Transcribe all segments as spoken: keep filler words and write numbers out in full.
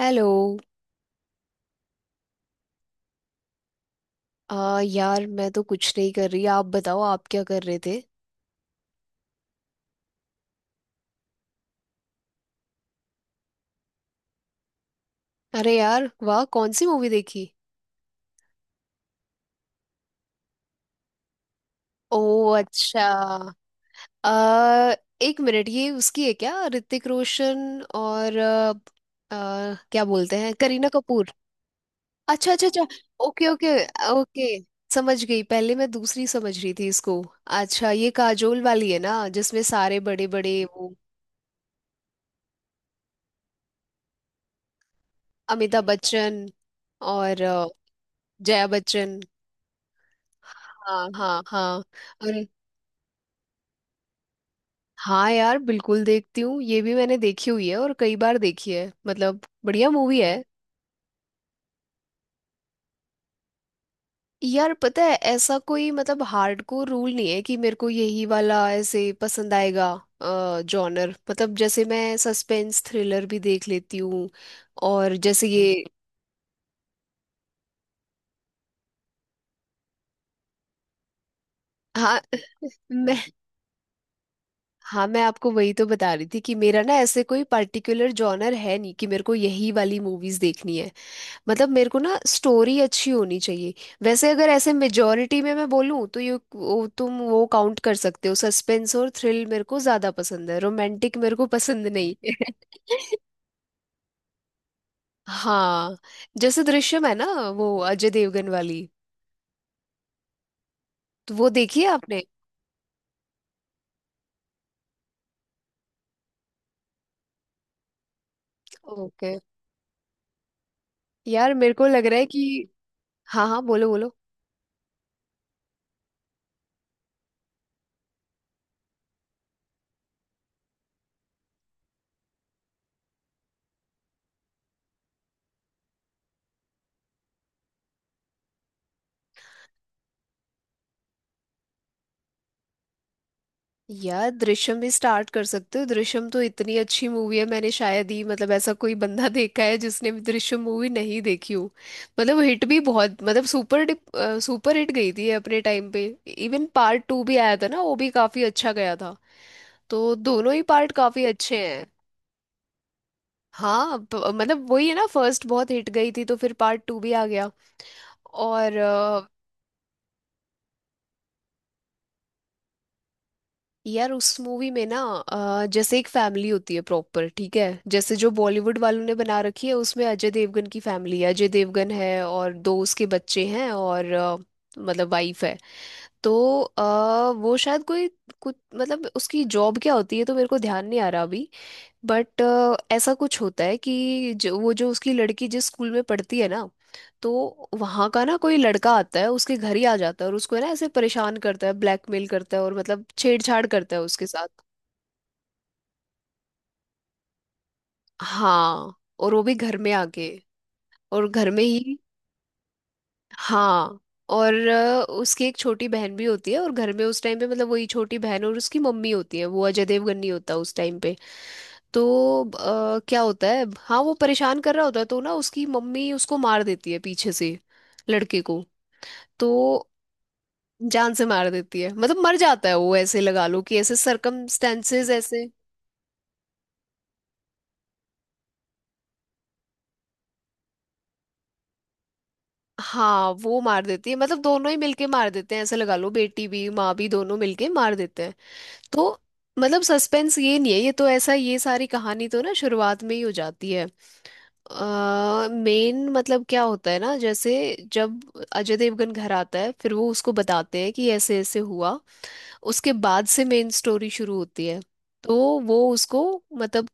Hello. आ यार मैं तो कुछ नहीं कर रही, आप बताओ, आप क्या कर रहे थे। अरे यार वाह, कौन सी मूवी देखी। ओ। अच्छा। आ। एक मिनट, ये उसकी है क्या, ऋतिक रोशन और अ, अ, क्या बोलते हैं, करीना कपूर। अच्छा अच्छा अच्छा। Okay okay. ओके। समझ गई, पहले मैं दूसरी समझ रही थी इसको। अच्छा ये काजोल वाली है ना जिसमें सारे बड़े बड़े वो, अमिताभ बच्चन और अ, जया बच्चन। हाँ हाँ हाँ। अरे। हाँ यार बिल्कुल देखती हूँ, ये भी मैंने देखी हुई है और कई बार देखी है, मतलब बढ़िया मूवी है। यार पता है ऐसा कोई मतलब हार्डकोर रूल नहीं है कि मेरे को यही वाला ऐसे पसंद आएगा। जॉनर मतलब जैसे मैं सस्पेंस थ्रिलर भी देख लेती हूँ, और जैसे ये। हाँ मैं हाँ मैं आपको वही तो बता रही थी कि मेरा ना ऐसे कोई पर्टिकुलर जॉनर है नहीं कि मेरे को यही वाली मूवीज देखनी है। मतलब मेरे को ना स्टोरी अच्छी होनी चाहिए। वैसे अगर ऐसे मेजोरिटी में मैं बोलूँ तो ये वो, तुम वो काउंट कर सकते हो, सस्पेंस और थ्रिल मेरे को ज्यादा पसंद है, रोमांटिक मेरे को पसंद नहीं। हाँ। जैसे दृश्यम है ना, वो अजय देवगन वाली। तो वो देखी है आपने। ओके। यार मेरे को लग रहा है कि। हाँ हाँ, बोलो बोलो। यार दृश्यम भी स्टार्ट कर सकते हो, दृश्यम तो इतनी अच्छी मूवी है, मैंने शायद ही मतलब ऐसा कोई बंदा देखा है जिसने भी दृश्यम मूवी नहीं देखी हो। मतलब हिट भी बहुत, मतलब सुपर सुपर हिट गई थी ये अपने टाइम पे। इवन पार्ट टू भी आया था ना, वो भी काफी अच्छा गया था। तो दोनों ही पार्ट काफी अच्छे हैं। हाँ प- मतलब वही है ना, फर्स्ट बहुत हिट गई थी तो फिर पार्ट टू भी आ गया। और। यार उस मूवी में ना अ, जैसे एक फैमिली होती है, प्रॉपर ठीक है। जैसे जो बॉलीवुड वालों ने बना रखी है उसमें अजय देवगन की फैमिली है, अजय देवगन है और दो उसके बच्चे हैं, और अ, मतलब वाइफ है। तो अ, वो शायद कोई कुछ मतलब उसकी जॉब क्या होती है तो मेरे को ध्यान नहीं आ रहा अभी। बट अ, ऐसा कुछ होता है कि जो वो जो उसकी लड़की जिस स्कूल में पढ़ती है ना, तो वहाँ का ना कोई लड़का आता है, उसके घर ही आ जाता है, और उसको है ना ऐसे परेशान करता है, ब्लैकमेल करता है, और मतलब छेड़छाड़ करता है उसके साथ। हाँ। और वो भी घर में आके। और घर में ही। हाँ। और अ, उसकी एक छोटी बहन भी होती है, और घर में उस टाइम पे मतलब वही छोटी बहन और उसकी मम्मी होती है, वो अजय देवगन नहीं होता उस टाइम पे। तो अ, क्या होता है, हाँ वो परेशान कर रहा होता है तो ना उसकी मम्मी उसको मार देती है पीछे से, लड़के को। तो जान से मार देती है, मतलब मर जाता है वो, ऐसे लगा लो कि ऐसे सरकमस्टेंसेस ऐसे। हाँ वो मार देती है, मतलब दोनों ही मिलके मार देते हैं ऐसे लगा लो, बेटी भी माँ भी दोनों मिलके मार देते हैं। तो मतलब सस्पेंस ये नहीं है, ये तो ऐसा, ये सारी कहानी तो ना शुरुआत में ही हो जाती है। आ, मेन मतलब क्या होता है ना, जैसे जब अजय देवगन घर आता है फिर वो उसको बताते हैं कि ऐसे ऐसे हुआ। उसके बाद से मेन स्टोरी शुरू होती है। तो वो उसको मतलब।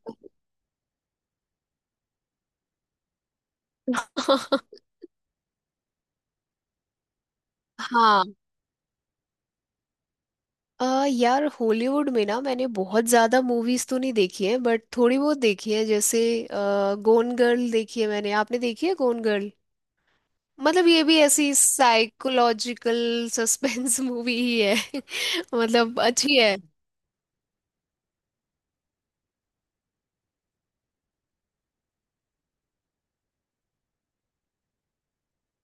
हाँ अ, यार हॉलीवुड में ना मैंने बहुत ज्यादा मूवीज तो नहीं देखी है, बट थोड़ी बहुत देखी है, जैसे गोन गर्ल देखी है मैंने, आपने देखी है गोन गर्ल। मतलब ये भी ऐसी साइकोलॉजिकल सस्पेंस मूवी ही है, मतलब अच्छी है।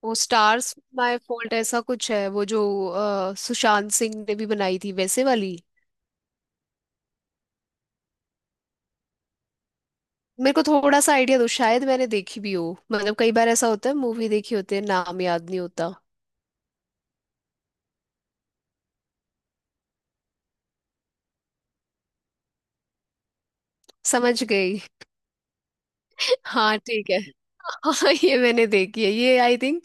वो स्टार्स माय फॉल्ट, ऐसा कुछ है वो जो अ, सुशांत सिंह ने भी बनाई थी वैसे वाली। मेरे को थोड़ा सा आइडिया दो, शायद मैंने देखी भी हो। मतलब कई बार ऐसा होता है, मूवी देखी होती है, नाम याद नहीं होता। समझ गई। हाँ ठीक है। हाँ ये मैंने देखी है, ये आई थिंक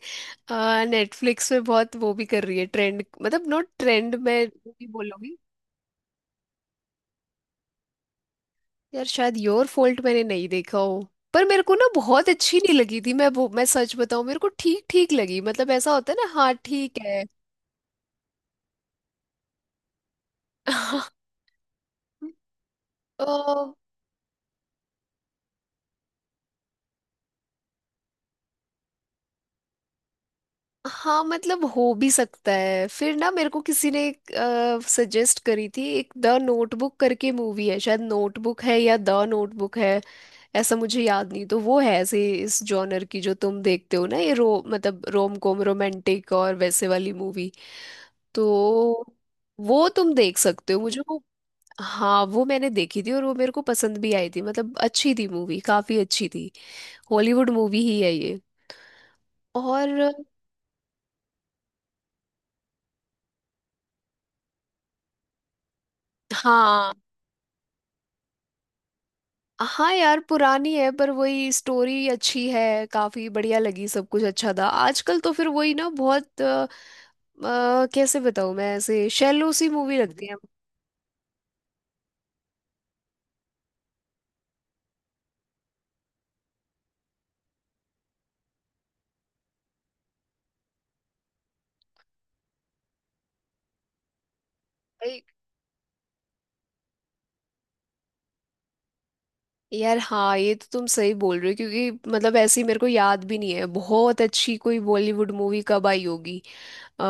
नेटफ्लिक्स पे बहुत वो भी कर रही है ट्रेंड, मतलब नॉट ट्रेंड मैं वो भी बोलूंगी। यार शायद योर फॉल्ट मैंने नहीं देखा हो। पर मेरे को ना बहुत अच्छी नहीं लगी थी, मैं वो मैं सच बताऊं, मेरे को ठीक ठीक लगी, मतलब ऐसा होता है ना, हाँ ठीक है। अ, हाँ मतलब हो भी सकता है, फिर ना मेरे को किसी ने सजेस्ट करी थी, एक द नोटबुक करके मूवी है, शायद नोटबुक है या द नोटबुक है, ऐसा मुझे याद नहीं। तो वो है ऐसे इस जॉनर की जो तुम देखते हो ना, ये रो मतलब रोम कॉम, रोमांटिक और वैसे वाली मूवी। तो वो तुम देख सकते हो मुझे वो। हाँ वो मैंने देखी थी और वो मेरे को पसंद भी आई थी, मतलब अच्छी थी मूवी, काफी अच्छी थी। हॉलीवुड मूवी ही है ये। और हाँ हाँ यार पुरानी है, पर वही स्टोरी अच्छी है, काफी बढ़िया लगी, सब कुछ अच्छा था, आजकल तो फिर वही ना बहुत अ, अ, कैसे बताऊँ मैं, ऐसे शैलो सी मूवी लगती है। भाई। यार हाँ ये तो तुम सही बोल रहे हो, क्योंकि मतलब ऐसी मेरे को याद भी नहीं है बहुत अच्छी कोई बॉलीवुड मूवी कब आई होगी। अ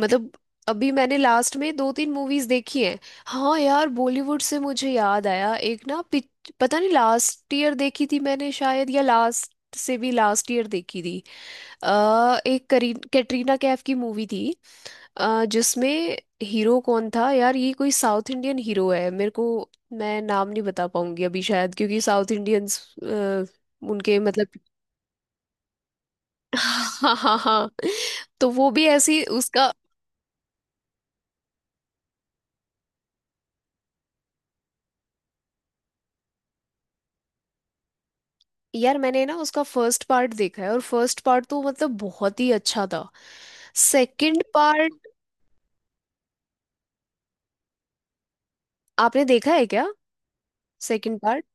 मतलब अभी मैंने लास्ट में दो तीन मूवीज देखी हैं। हाँ यार बॉलीवुड से मुझे याद आया एक ना पिच, पता नहीं लास्ट ईयर देखी थी मैंने शायद, या लास्ट से भी लास्ट ईयर देखी थी। अ एक करीन कैटरीना कैफ की मूवी थी। अ, जिसमें हीरो कौन था यार, ये कोई साउथ इंडियन हीरो है मेरे को। मैं नाम नहीं बता पाऊंगी अभी शायद, क्योंकि साउथ इंडियंस उनके मतलब। हाँ हाँ हाँ। तो वो भी ऐसी उसका। यार मैंने ना उसका फर्स्ट पार्ट देखा है, और फर्स्ट पार्ट तो मतलब बहुत ही अच्छा था। सेकंड पार्ट आपने देखा है क्या। Second part.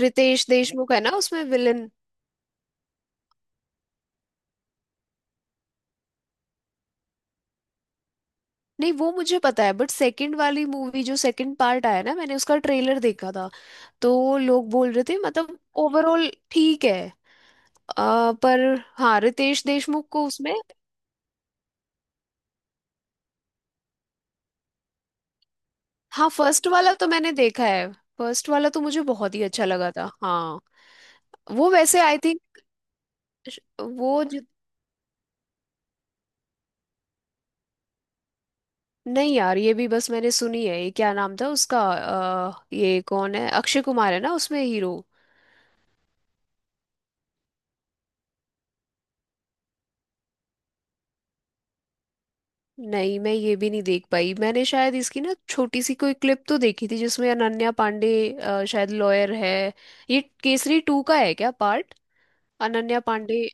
रितेश देशमुख है ना उसमें विलन। नहीं वो मुझे पता है, बट सेकंड वाली मूवी जो सेकंड पार्ट आया ना, मैंने उसका ट्रेलर देखा था, तो लोग बोल रहे थे मतलब ओवरऑल ठीक है, अ, पर हाँ रितेश देशमुख को उसमें। हाँ फर्स्ट वाला तो मैंने देखा है, फर्स्ट वाला तो मुझे बहुत ही अच्छा लगा था हाँ। वो वैसे आई थिंक वो। नहीं यार ये भी बस मैंने सुनी है, ये क्या नाम था उसका अ, ये कौन है अक्षय कुमार है ना उसमें हीरो। नहीं मैं ये भी नहीं देख पाई, मैंने शायद इसकी ना छोटी सी कोई क्लिप तो देखी थी जिसमें अनन्या पांडे अ, शायद लॉयर है। ये केसरी टू का है क्या पार्ट। अनन्या पांडे।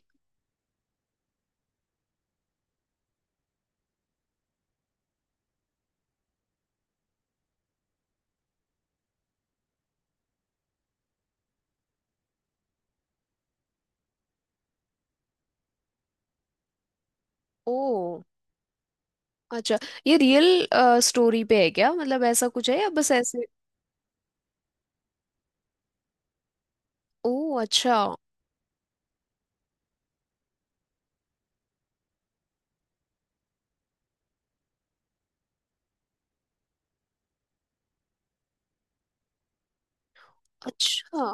ओ अच्छा। ये रियल स्टोरी पे है क्या, मतलब ऐसा कुछ है या बस ऐसे। ओ अच्छा। अच्छा।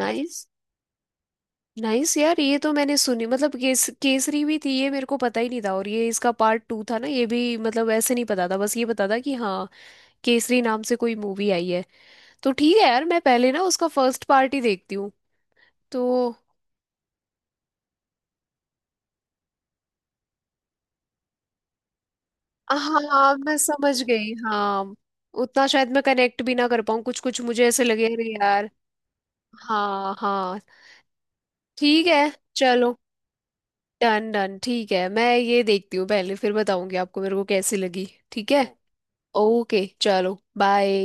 नाइस। नाइस यार ये तो मैंने सुनी, मतलब केस, केसरी भी थी ये मेरे को पता ही नहीं था, और ये इसका पार्ट टू था ना, ये भी मतलब ऐसे नहीं पता था, बस ये पता था कि हाँ केसरी नाम से कोई मूवी आई है। तो ठीक है यार, मैं पहले ना उसका फर्स्ट पार्ट ही देखती हूँ। तो हाँ मैं समझ गई हाँ। उतना शायद मैं कनेक्ट भी ना कर पाऊँ, कुछ कुछ मुझे ऐसे लगे अरे यार। हाँ हाँ। ठीक है। चलो। डन डन ठीक है, मैं ये देखती हूँ पहले फिर बताऊंगी आपको मेरे को कैसी लगी। ठीक है। ओके चलो बाय।